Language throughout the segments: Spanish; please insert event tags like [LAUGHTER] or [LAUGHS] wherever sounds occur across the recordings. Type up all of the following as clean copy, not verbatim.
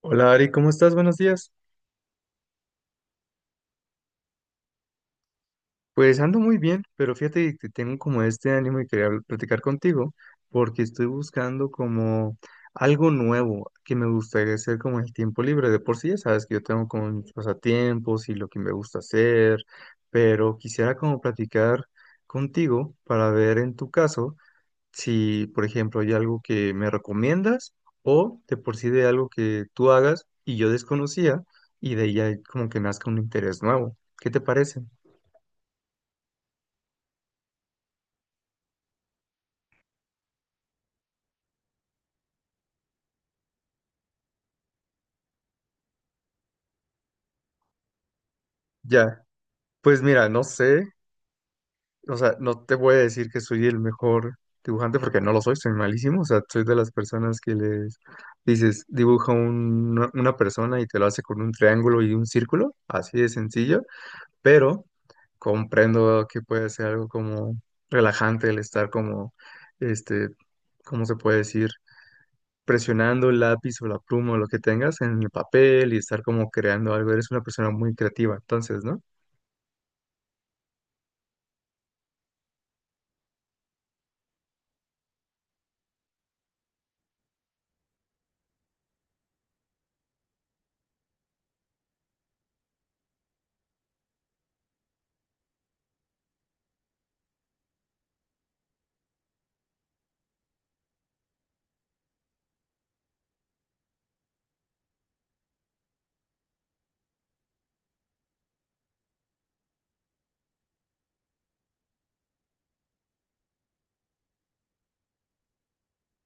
Hola Ari, ¿cómo estás? Buenos días. Pues ando muy bien, pero fíjate que tengo como este ánimo y quería platicar contigo porque estoy buscando como algo nuevo que me gustaría hacer como en el tiempo libre. De por sí ya sabes que yo tengo como mis pasatiempos y lo que me gusta hacer, pero quisiera como platicar contigo para ver en tu caso. Si, por ejemplo, hay algo que me recomiendas o de por sí de algo que tú hagas y yo desconocía y de ahí ya como que nazca un interés nuevo. ¿Qué te parece? Ya, pues mira, no sé, o sea, no te voy a decir que soy el mejor dibujante porque no lo soy, soy malísimo, o sea, soy de las personas que les dices, dibuja una persona y te lo hace con un triángulo y un círculo, así de sencillo, pero comprendo que puede ser algo como relajante el estar como, este, ¿cómo se puede decir? Presionando el lápiz o la pluma o lo que tengas en el papel y estar como creando algo. Eres una persona muy creativa, entonces, ¿no?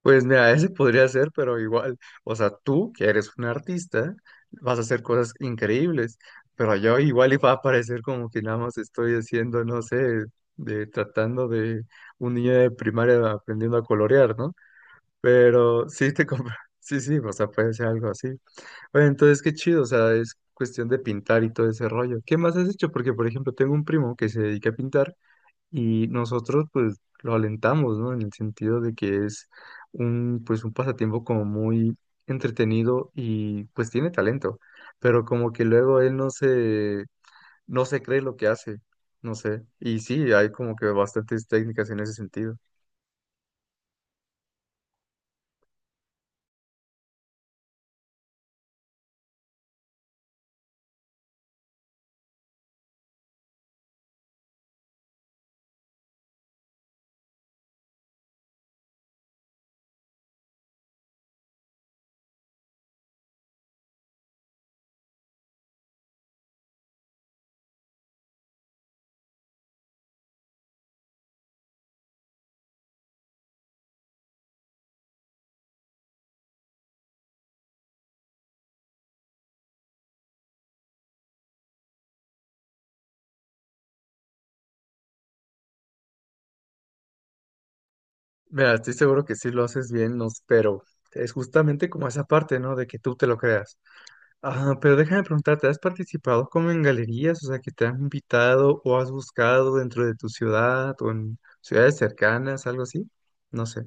Pues mira, [LAUGHS] ese podría ser, pero igual, o sea, tú que eres un artista, vas a hacer cosas increíbles, pero yo igual y va a parecer como que nada más estoy haciendo, no sé, de tratando de un niño de primaria aprendiendo a colorear, ¿no? Pero sí te compra. [LAUGHS] Sí, sí, o sea, puede ser algo así. Bueno, entonces qué chido, o sea, es cuestión de pintar y todo ese rollo. ¿Qué más has hecho? Porque, por ejemplo, tengo un primo que se dedica a pintar y nosotros, pues, lo alentamos, ¿no? En el sentido de que es un, pues, un pasatiempo como muy entretenido y, pues, tiene talento. Pero como que luego él no se cree lo que hace, no sé. Y sí, hay como que bastantes técnicas en ese sentido. Mira, estoy seguro que sí lo haces bien, no, pero es justamente como esa parte, ¿no? De que tú te lo creas. Ah, pero déjame preguntarte, ¿has participado como en galerías? O sea, que te han invitado o has buscado dentro de tu ciudad o en ciudades cercanas, algo así. No sé. O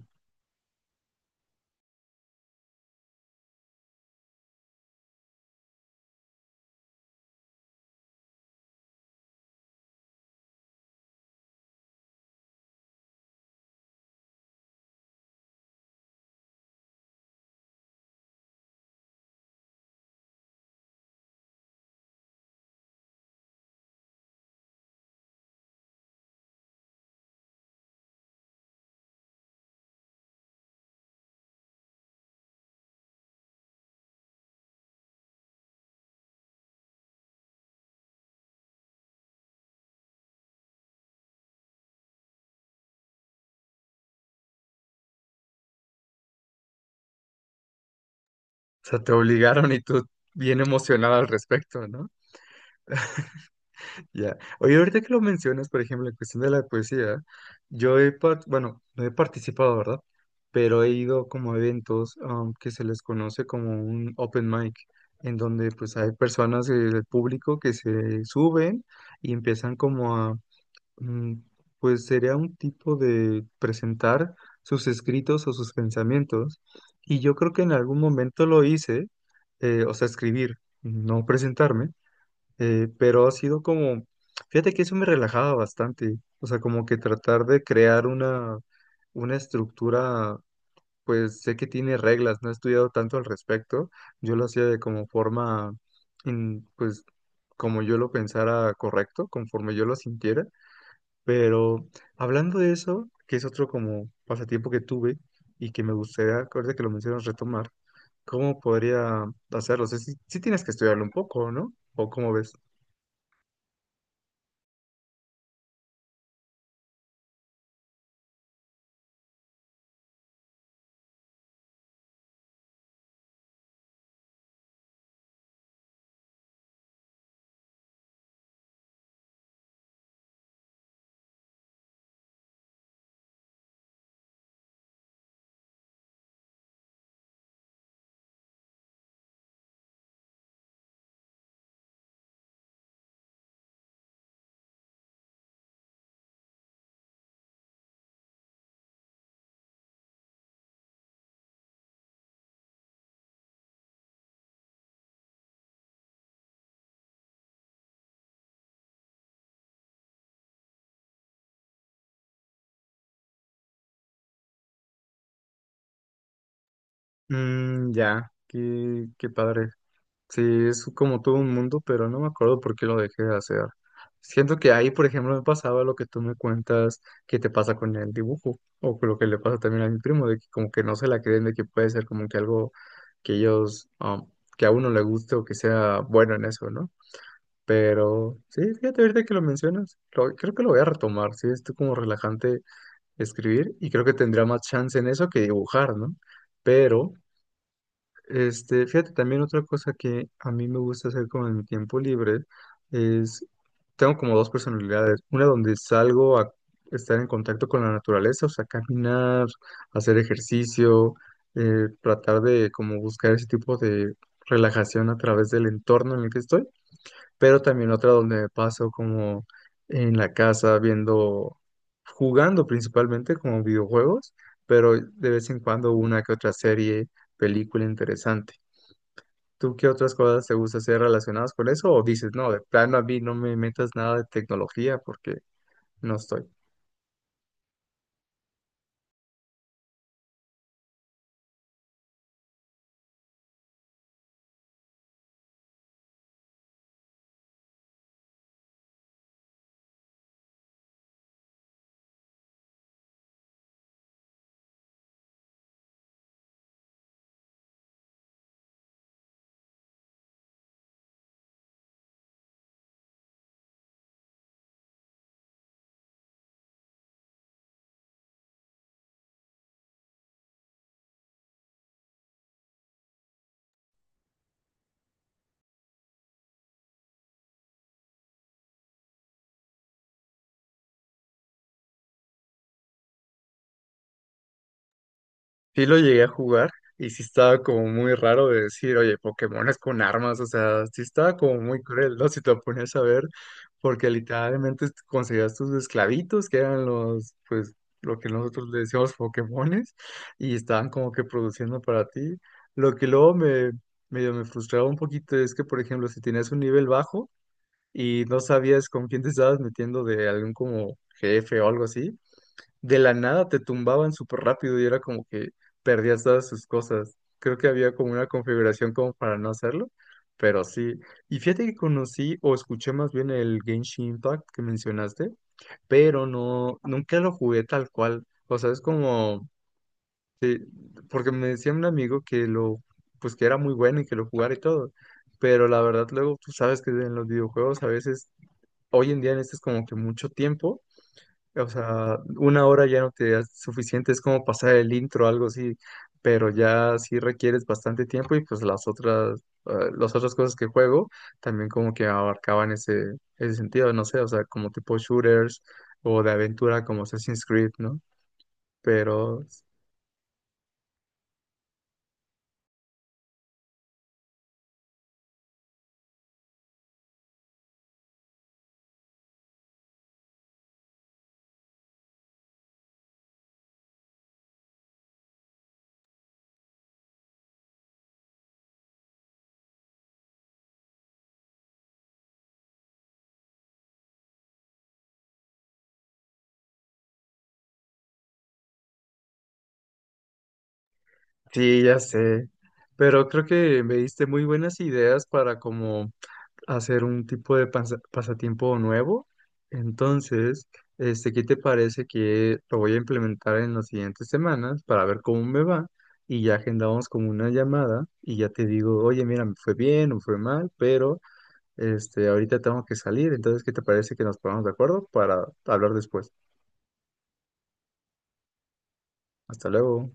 sea, te obligaron y tú bien emocionado al respecto, ¿no? Ya. Oye, ahorita que lo mencionas, por ejemplo, en cuestión de la poesía, yo he, bueno, no he participado, ¿verdad? Pero he ido como a eventos que se les conoce como un open mic, en donde pues hay personas del público que se suben y empiezan como mm, pues sería un tipo de presentar sus escritos o sus pensamientos. Y yo creo que en algún momento lo hice, o sea, escribir, no presentarme. Pero ha sido como, fíjate que eso me relajaba bastante, o sea, como que tratar de crear una estructura, pues sé que tiene reglas, no he estudiado tanto al respecto, yo lo hacía de como forma, pues como yo lo pensara correcto, conforme yo lo sintiera, pero hablando de eso, que es otro como pasatiempo que tuve y que me gustaría, ahorita que lo mencionas, retomar, ¿cómo podría hacerlo? O sea, sí, sí tienes que estudiarlo un poco, ¿no? ¿O cómo ves? Mm, ya, qué, qué padre. Sí, es como todo un mundo, pero no me acuerdo por qué lo dejé de hacer. Siento que ahí, por ejemplo, me pasaba lo que tú me cuentas que te pasa con el dibujo, o con lo que le pasa también a mi primo, de que como que no se la creen, de que puede ser como que algo que ellos, que a uno le guste o que sea bueno en eso, ¿no? Pero sí, fíjate ahorita que lo mencionas, creo que lo voy a retomar, sí, es como relajante escribir y creo que tendría más chance en eso que dibujar, ¿no? Pero... Este, fíjate, también otra cosa que a mí me gusta hacer como en mi tiempo libre es, tengo como dos personalidades, una donde salgo a estar en contacto con la naturaleza, o sea, caminar, hacer ejercicio, tratar de como buscar ese tipo de relajación a través del entorno en el que estoy, pero también otra donde me paso como en la casa viendo, jugando principalmente como videojuegos, pero de vez en cuando una que otra serie, película interesante. ¿Tú qué otras cosas te gusta hacer relacionadas con eso? ¿O dices, no, de plano a mí no me metas nada de tecnología porque no estoy? Sí lo llegué a jugar y sí estaba como muy raro de decir, oye, Pokémon es con armas, o sea, sí estaba como muy cruel, ¿no? Si te lo ponías a ver, porque literalmente conseguías tus esclavitos, que eran los, pues, lo que nosotros le decíamos Pokémones, y estaban como que produciendo para ti. Lo que luego me, medio me frustraba un poquito es que, por ejemplo, si tenías un nivel bajo, y no sabías con quién te estabas metiendo de algún como jefe o algo así, de la nada te tumbaban súper rápido y era como que perdías todas sus cosas. Creo que había como una configuración como para no hacerlo, pero sí. Y fíjate que conocí o escuché más bien el Genshin Impact que mencionaste, pero no, nunca lo jugué tal cual. O sea, es como, porque me decía un amigo que lo, pues que era muy bueno y que lo jugara y todo. Pero la verdad luego tú sabes que en los videojuegos a veces hoy en día necesitas como que mucho tiempo, o sea, 1 hora ya no te da suficiente, es como pasar el intro, algo así, pero ya sí requieres bastante tiempo y pues las otras cosas que juego también como que abarcaban ese, ese sentido, no sé, o sea, como tipo shooters o de aventura como Assassin's Creed, ¿no? Pero sí, ya sé, pero creo que me diste muy buenas ideas para como hacer un tipo de pasatiempo nuevo. Entonces, este, ¿qué te parece que lo voy a implementar en las siguientes semanas para ver cómo me va? Y ya agendamos como una llamada y ya te digo, oye, mira, me fue bien o fue mal, pero este, ahorita tengo que salir. Entonces, ¿qué te parece que nos pongamos de acuerdo para hablar después? Hasta luego.